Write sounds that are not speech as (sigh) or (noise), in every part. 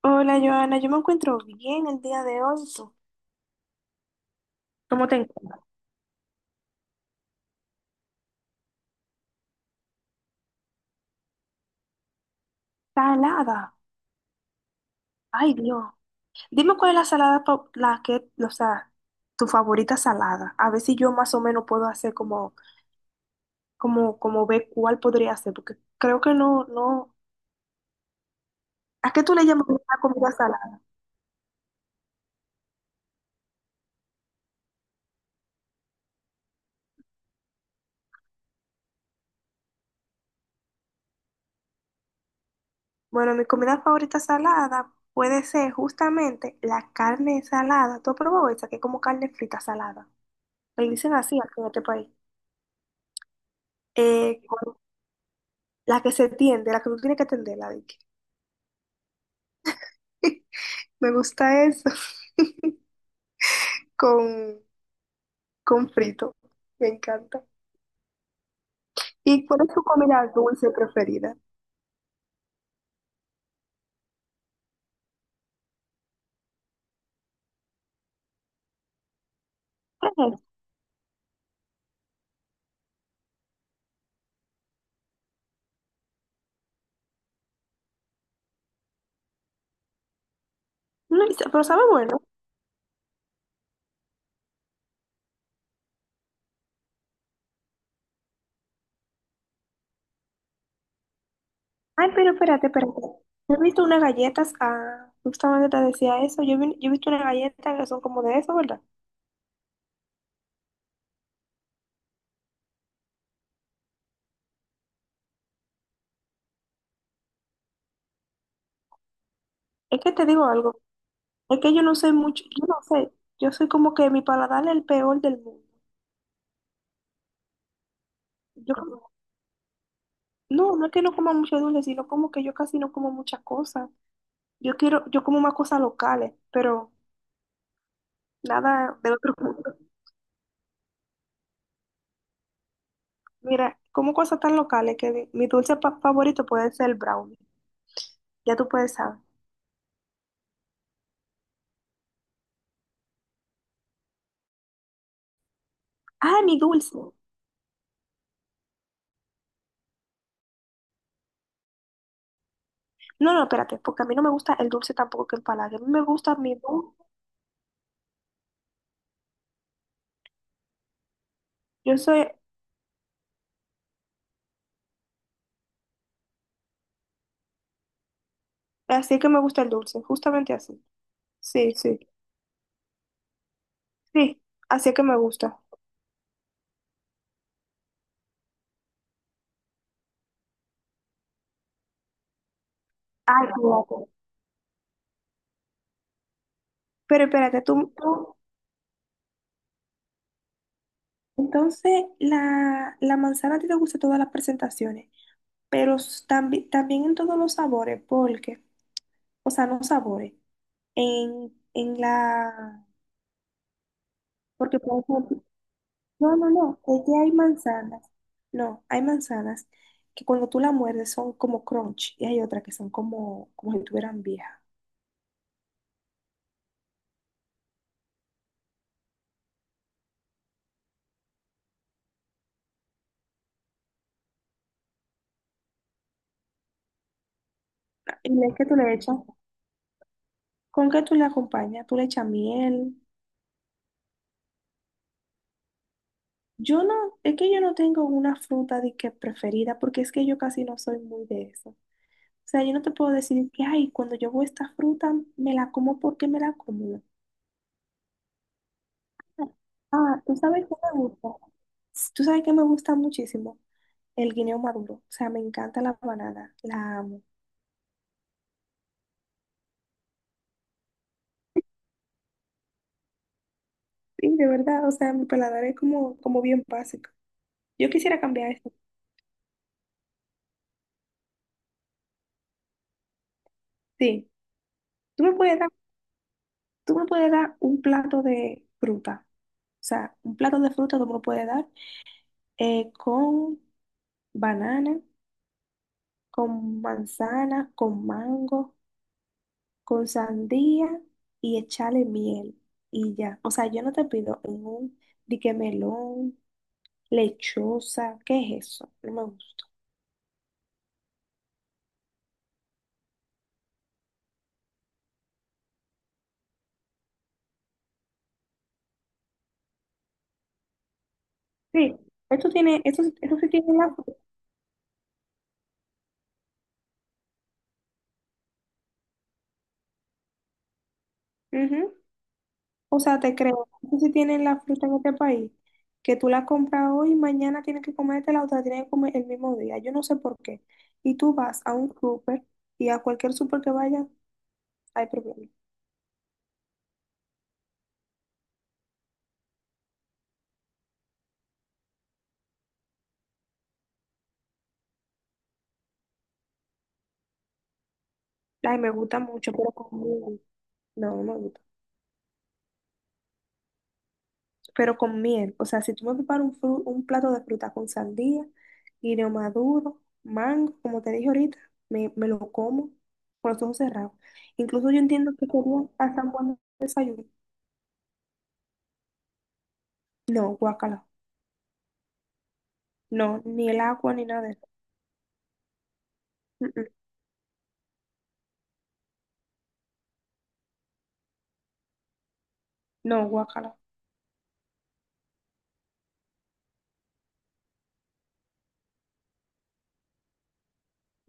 Hola, Joana, yo me encuentro bien el día de hoy. ¿Tú? ¿Cómo te encuentras? Salada. Ay, Dios. Dime cuál es la salada, la que, o sea, tu favorita salada. A ver si yo más o menos puedo hacer como, como ver cuál podría hacer, porque creo que no, no. ¿A qué tú le llamas una comida salada? Bueno, mi comida favorita salada puede ser justamente la carne salada. ¿Tú has probado esa que es como carne frita salada? Le dicen así aquí en este país. Eh, con- la que se tiende, la que tú tienes que tenderla. (laughs) Me gusta eso con, con frito. Me encanta. ¿Y cuál es tu comida dulce preferida? ¿Qué es? No, pero sabe bueno. Ay, pero espérate, espérate. Yo he visto unas galletas, ah, justamente te decía eso. Yo, yo he visto unas galletas que son como de eso, ¿verdad? Es que te digo algo. Es que yo no sé mucho, yo no sé. Yo soy como que mi paladar es el peor del mundo. Yo como- no, no es que no coma mucho dulce, sino como que yo casi no como muchas cosas. Yo quiero, yo como más cosas locales, pero nada de otro mundo. Mira, como cosas tan locales que mi dulce favorito puede ser el brownie. Ya tú puedes saber. Ah, mi dulce. No, no, espérate, porque a mí no me gusta el dulce tampoco que empalague. A mí me gusta mi dulce. Yo soy así que me gusta el dulce, justamente así. Sí, sí, sí, así que me gusta. Ay, fíjate. Pero espérate, entonces la manzana a ti te gusta en todas las presentaciones, pero también, también en todos los sabores, porque, o sea, no sabores. En la, porque por ejemplo, no, no, no, es que hay manzanas, no, hay manzanas que cuando tú la muerdes son como crunch y hay otras que son como, como si estuvieran viejas. Y es que tú le echas, ¿con qué tú le acompañas? Tú le echas miel. Yo no, es que yo no tengo una fruta de que preferida porque es que yo casi no soy muy de eso. O sea, yo no te puedo decir que, ay, cuando yo veo esta fruta me la como porque me la como. Ah, ¿tú sabes qué me gusta? ¿Tú sabes que me gusta muchísimo? El guineo maduro. O sea, me encanta la banana. La amo. Sí, de verdad. O sea, mi paladar es como, como bien básico. Yo quisiera cambiar esto. Sí. Tú me puedes dar, tú me puedes dar un plato de fruta. O sea, un plato de fruta tú me lo puedes dar con banana, con manzana, con mango, con sandía y echarle miel y ya. O sea, yo no te pido en un dique melón, lechosa, ¿qué es eso? No me gusta. Sí, esto tiene, esto sí tiene la fruta. Ujú. O sea, te creo, esto sí tiene la fruta en este país, que tú la compras hoy y mañana tienes que comértela o te la otra, tienes que comer el mismo día. Yo no sé por qué. Y tú vas a un súper y a cualquier súper que vaya, hay problema. Ay, me gusta mucho, pero conmigo. No, no me gusta, pero con miel. O sea, si tú me preparas un, un plato de fruta con sandía, guineo maduro, mango, como te dije ahorita, me lo como con los ojos cerrados. Incluso yo entiendo que sería hasta un buen desayuno. No, guacala. No, ni el agua ni nada de eso. Mm, mm. No, guacala.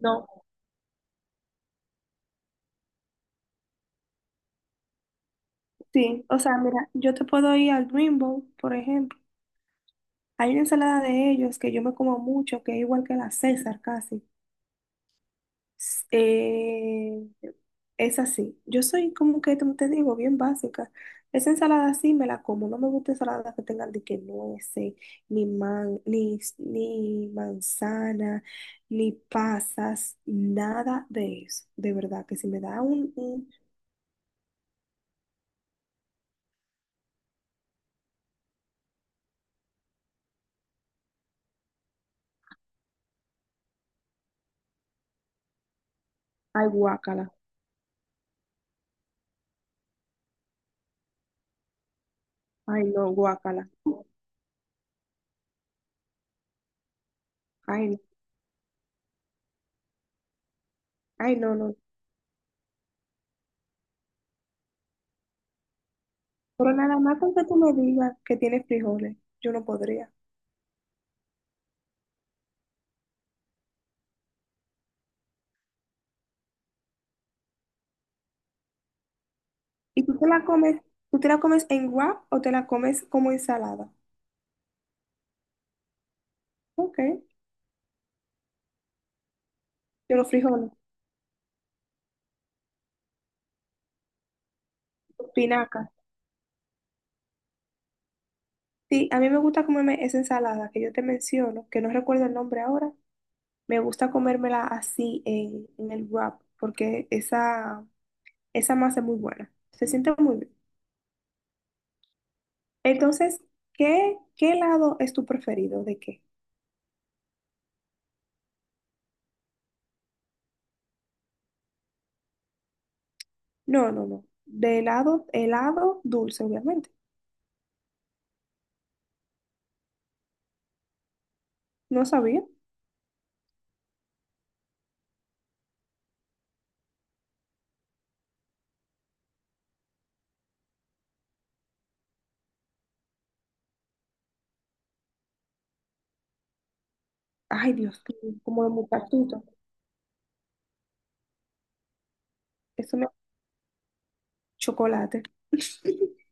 No. Sí, o sea, mira, yo te puedo ir al Rainbow, por ejemplo. Hay una ensalada de ellos que yo me como mucho, que es igual que la César casi. eh, es así. Yo soy como que, como te digo, bien básica. Esa ensalada sí me la como. No me gusta ensalada que tengan de que nueces, ni, ni manzana, ni pasas, nada de eso. De verdad, que si me da un, ay, guácala. Ay, no, guácala. Ay, no, ay, no, no. Pero nada más con que tú me digas que tiene frijoles, yo no podría. ¿Y tú te la comes, tú te la comes en wrap o te la comes como ensalada? Ok, yo los frijoles, espinaca. Sí, a mí me gusta comerme esa ensalada que yo te menciono, que no recuerdo el nombre ahora. Me gusta comérmela así en el wrap, porque esa masa es muy buena. Se siente muy bien. Entonces, ¿qué, qué helado es tu preferido? ¿De qué? No, no, no. De helado, helado dulce, obviamente. No sabía. Ay, Dios mío, como de muchachito. Eso me... Chocolate. (laughs)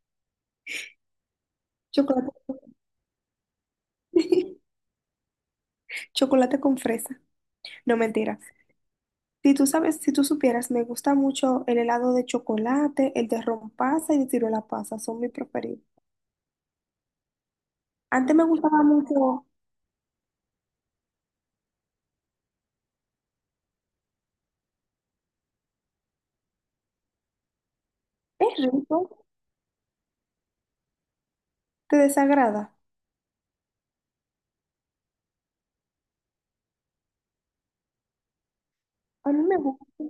Chocolate. (laughs) Chocolate con fresa. No, mentira. Si tú sabes, si tú supieras, me gusta mucho el helado de chocolate, el de rompasa y de tiro ciruela pasa, son mis preferidos. Antes me gustaba mucho, es rico, te desagrada. A mí me gusta,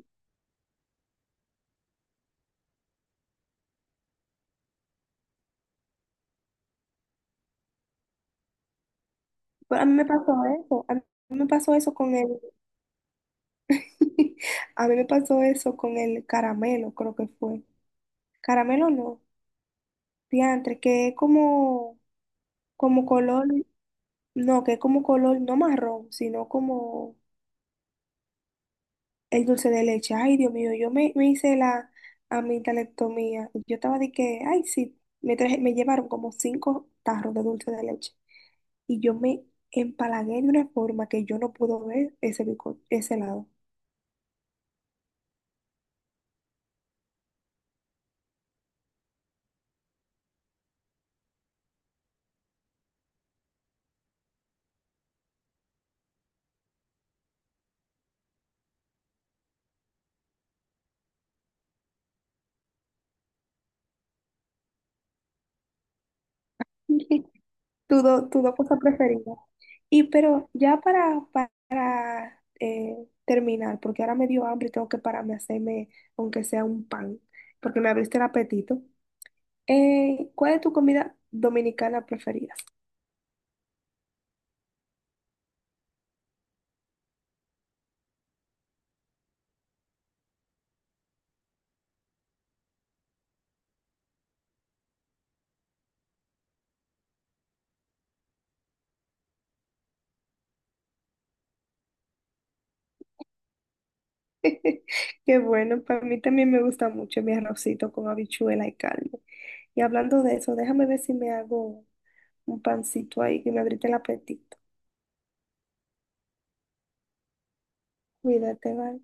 pero a mí me pasó eso, a mí me pasó eso con el, (laughs) a mí me pasó eso con el caramelo, creo que fue. Caramelo no, diantre, que es como, como color, no, que es como color, no marrón, sino como el dulce de leche. Ay, Dios mío, yo me, me hice la amidalectomía. Yo estaba de que, ay, sí, me traje, me llevaron como 5 tarros de dulce de leche. Y yo me empalagué de una forma que yo no pude ver ese, ese lado. (laughs) Tu dos cosas preferidas. Y pero ya para, para terminar, porque ahora me dio hambre y tengo que pararme a hacerme, aunque sea un pan, porque me abriste el apetito. ¿Cuál es tu comida dominicana preferida? (laughs) Qué bueno, para mí también me gusta mucho mi arrocito con habichuela y carne. Y hablando de eso, déjame ver si me hago un pancito ahí que me abrite el apetito. Cuídate, bye.